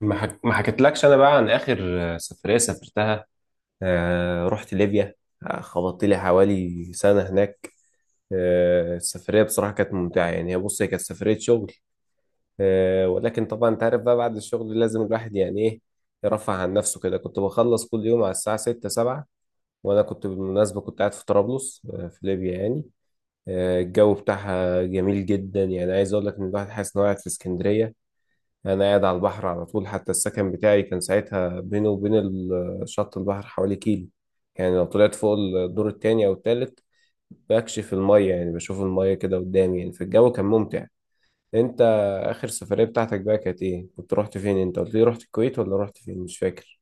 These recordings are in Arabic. ما حكيتلكش انا بقى عن اخر. سفريه سافرتها. رحت ليبيا. خبطت لي حوالي سنه هناك. السفريه بصراحه كانت ممتعه، يعني هي، بص، هي كانت سفريه شغل. ولكن طبعا انت عارف بقى، بعد الشغل لازم الواحد يعني ايه، يرفع عن نفسه كده. كنت بخلص كل يوم على الساعه 6 7. وانا كنت بالمناسبه كنت قاعد في طرابلس، في ليبيا يعني. الجو بتاعها جميل جدا، يعني عايز اقول لك ان الواحد حاسس ان هو قاعد في اسكندريه. انا قاعد على البحر على طول، حتى السكن بتاعي كان ساعتها بينه وبين شط البحر حوالي كيلو. يعني لو طلعت فوق الدور التاني او التالت بكشف المية، يعني بشوف المية كده قدامي يعني. فالجو كان ممتع. انت اخر سفرية بتاعتك بقى كانت ايه؟ كنت رحت فين؟ انت قلت لي رحت الكويت ولا رحت فين، مش فاكر؟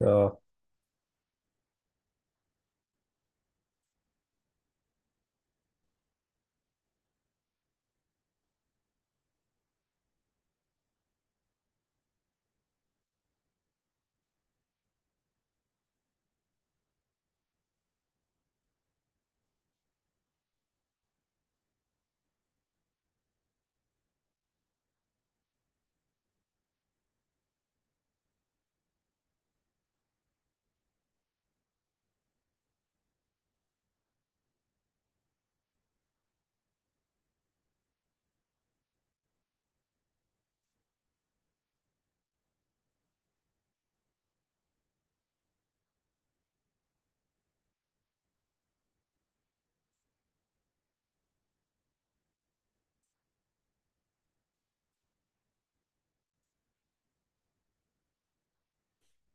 اه،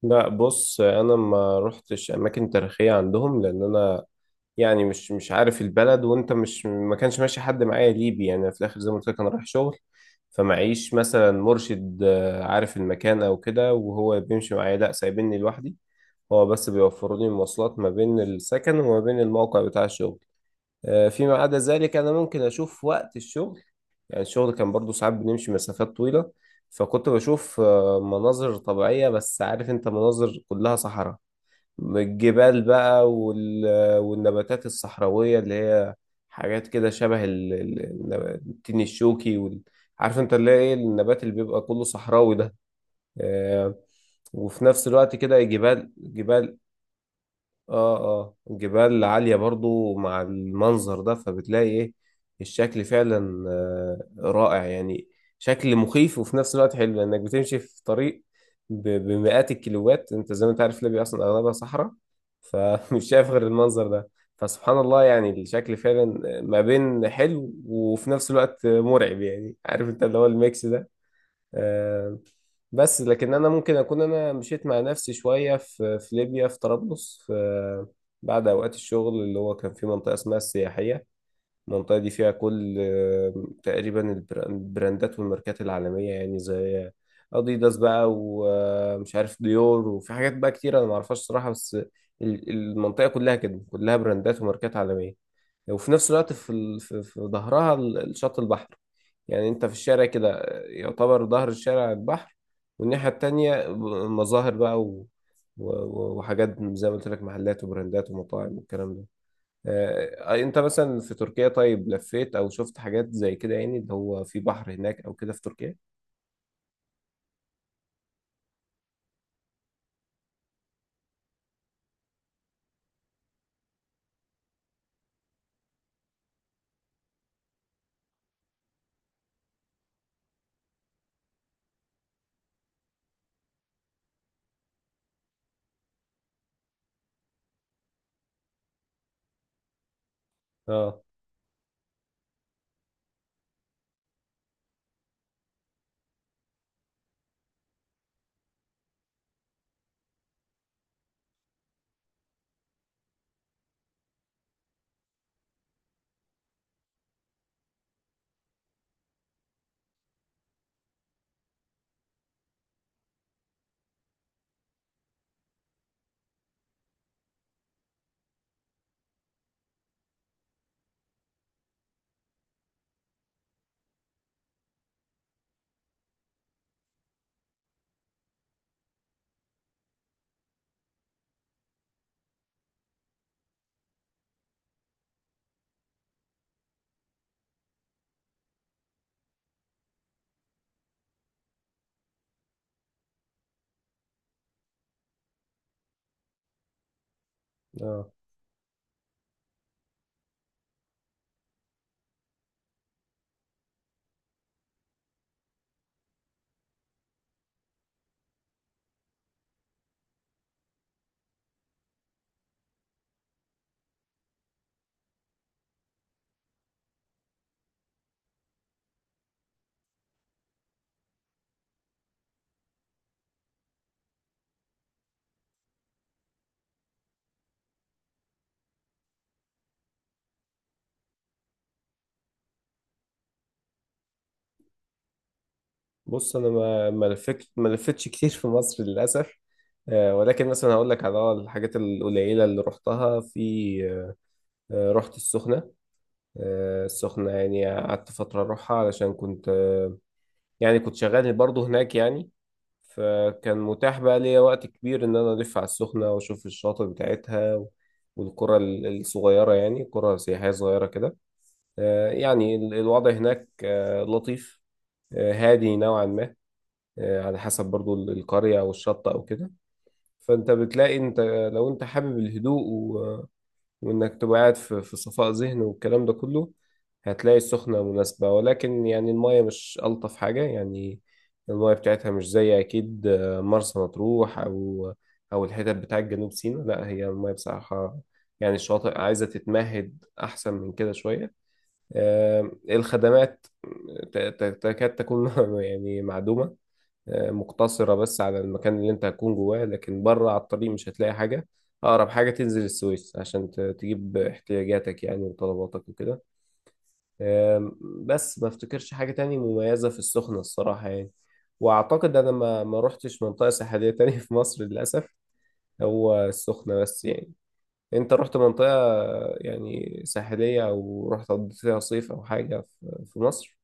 لا، بص، انا ما رحتش اماكن تاريخية عندهم، لان انا يعني مش عارف البلد، وانت مش... ما كانش ماشي حد معايا ليبي يعني. في الاخر زي ما قلت لك انا رايح شغل، فمعيش مثلا مرشد عارف المكان او كده وهو بيمشي معايا. لا، سايبيني لوحدي. هو بس بيوفروا لي المواصلات ما بين السكن وما بين الموقع بتاع الشغل. فيما عدا ذلك انا ممكن اشوف وقت الشغل. يعني الشغل كان برضو ساعات بنمشي مسافات طويلة، فكنت بشوف مناظر طبيعية. بس عارف انت، مناظر كلها صحراء. الجبال بقى وال... والنباتات الصحراوية اللي هي حاجات كده شبه ال... التين الشوكي وال... عارف انت اللي هي ايه النبات اللي بيبقى كله صحراوي ده؟ آه، وفي نفس الوقت كده جبال جبال. اه، اه، جبال عالية برضو مع المنظر ده، فبتلاقي ايه، الشكل فعلا رائع يعني. شكل مخيف وفي نفس الوقت حلو، لانك بتمشي في طريق بمئات الكيلوات. انت زي ما انت عارف ليبيا اصلا اغلبها صحراء، فمش شايف غير المنظر ده. فسبحان الله، يعني الشكل فعلا ما بين حلو وفي نفس الوقت مرعب. يعني عارف انت اللي هو الميكس ده. آه، بس لكن انا ممكن اكون انا مشيت مع نفسي شويه في ليبيا، في طرابلس، في بعد اوقات الشغل، اللي هو كان في منطقه اسمها السياحيه. المنطقة دي فيها كل تقريبا البراندات والماركات العالمية، يعني زي أديداس بقى ومش عارف ديور، وفي حاجات بقى كتير أنا معرفهاش صراحة. بس المنطقة كلها كده كلها براندات وماركات عالمية. وفي نفس الوقت في في ظهرها شط البحر. يعني أنت في الشارع كده يعتبر ظهر الشارع البحر. والناحية التانية مظاهر بقى و... وحاجات زي ما قلت لك، محلات وبراندات ومطاعم والكلام ده. انت مثلا في تركيا، طيب لفيت او شفت حاجات زي كده يعني، اللي هو في بحر هناك او كده في تركيا؟ اه، اه، بص، انا ما لفتش كتير في مصر للاسف. ولكن مثلا هقول لك على اه الحاجات القليله اللي رحتها في... رحت السخنه. السخنه يعني قعدت فتره اروحها، علشان كنت يعني كنت شغال برضه هناك يعني. فكان متاح بقى ليا وقت كبير إن أنا ألف على السخنة وأشوف الشاطئ بتاعتها و... والقرى الصغيرة، يعني قرى سياحية صغيرة كده. يعني الوضع هناك لطيف، هادي نوعا ما، على حسب برضو القرية أو الشط أو كده. فأنت بتلاقي أنت... لو أنت حابب الهدوء وإنك تبقى قاعد في صفاء ذهن والكلام ده كله، هتلاقي السخنة مناسبة. ولكن يعني المايه مش ألطف حاجة يعني. المايه بتاعتها مش زي أكيد مرسى مطروح أو الحتت بتاعت جنوب سيناء. لا، هي المايه بصراحة يعني الشواطئ عايزة تتمهد أحسن من كده شوية. الخدمات تكاد تكون يعني معدومة. مقتصرة بس على المكان اللي انت هتكون جواه، لكن بره على الطريق مش هتلاقي حاجة. أقرب حاجة تنزل السويس عشان تجيب احتياجاتك يعني وطلباتك وكده. أم، بس ما افتكرش حاجة تانية مميزة في السخنة الصراحة يعني. وأعتقد أنا ما روحتش منطقة ساحلية تانية في مصر للأسف، هو السخنة بس يعني. أنت رحت منطقة يعني ساحلية؟ أو رحت قضيت فيها صيف أو حاجة في مصر؟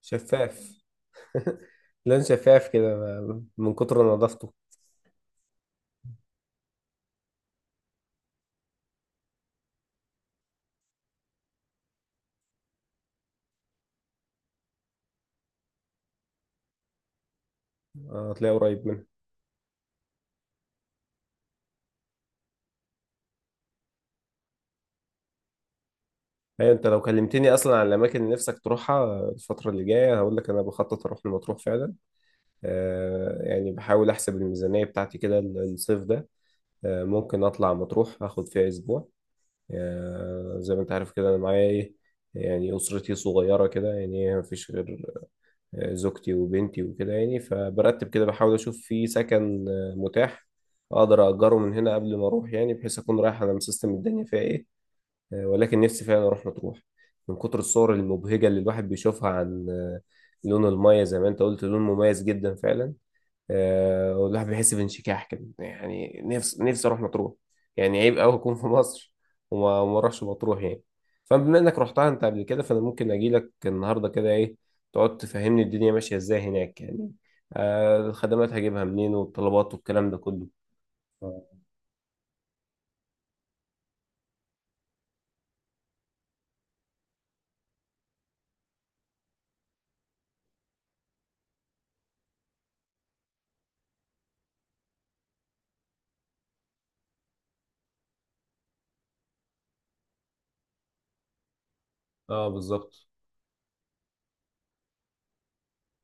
شفاف. لون شفاف كده من كتر نظافته. هتلاقي قريب منها. هي انت لو كلمتني اصلا عن الاماكن اللي نفسك تروحها الفتره اللي جايه، هقول لك انا بخطط اروح المطروح فعلا. آه، يعني بحاول احسب الميزانيه بتاعتي كده الصيف ده. آه، ممكن اطلع مطروح اخد فيها اسبوع. آه، زي ما انت عارف كده، انا معايا ايه، يعني اسرتي صغيره كده يعني ما فيش غير زوجتي وبنتي وكده يعني. فبرتب كده، بحاول اشوف في سكن متاح اقدر اجره من هنا قبل ما اروح، يعني بحيث اكون رايح انا مسيستم الدنيا فيها ايه. ولكن نفسي فعلا اروح مطروح، من كتر الصور المبهجه اللي الواحد بيشوفها عن لون المايه. زي ما انت قلت، لون مميز جدا فعلا. والواحد بيحس بانشكاح كده يعني. نفسي نفسي اروح مطروح. يعني عيب قوي اكون في مصر وما اروحش مطروح يعني. فبما انك رحتها انت قبل كده، فانا ممكن اجي لك النهارده كده ايه، تقعد تفهمني الدنيا ماشيه ازاي هناك يعني. الخدمات هجيبها منين، والطلبات والكلام ده كله. اه، بالظبط.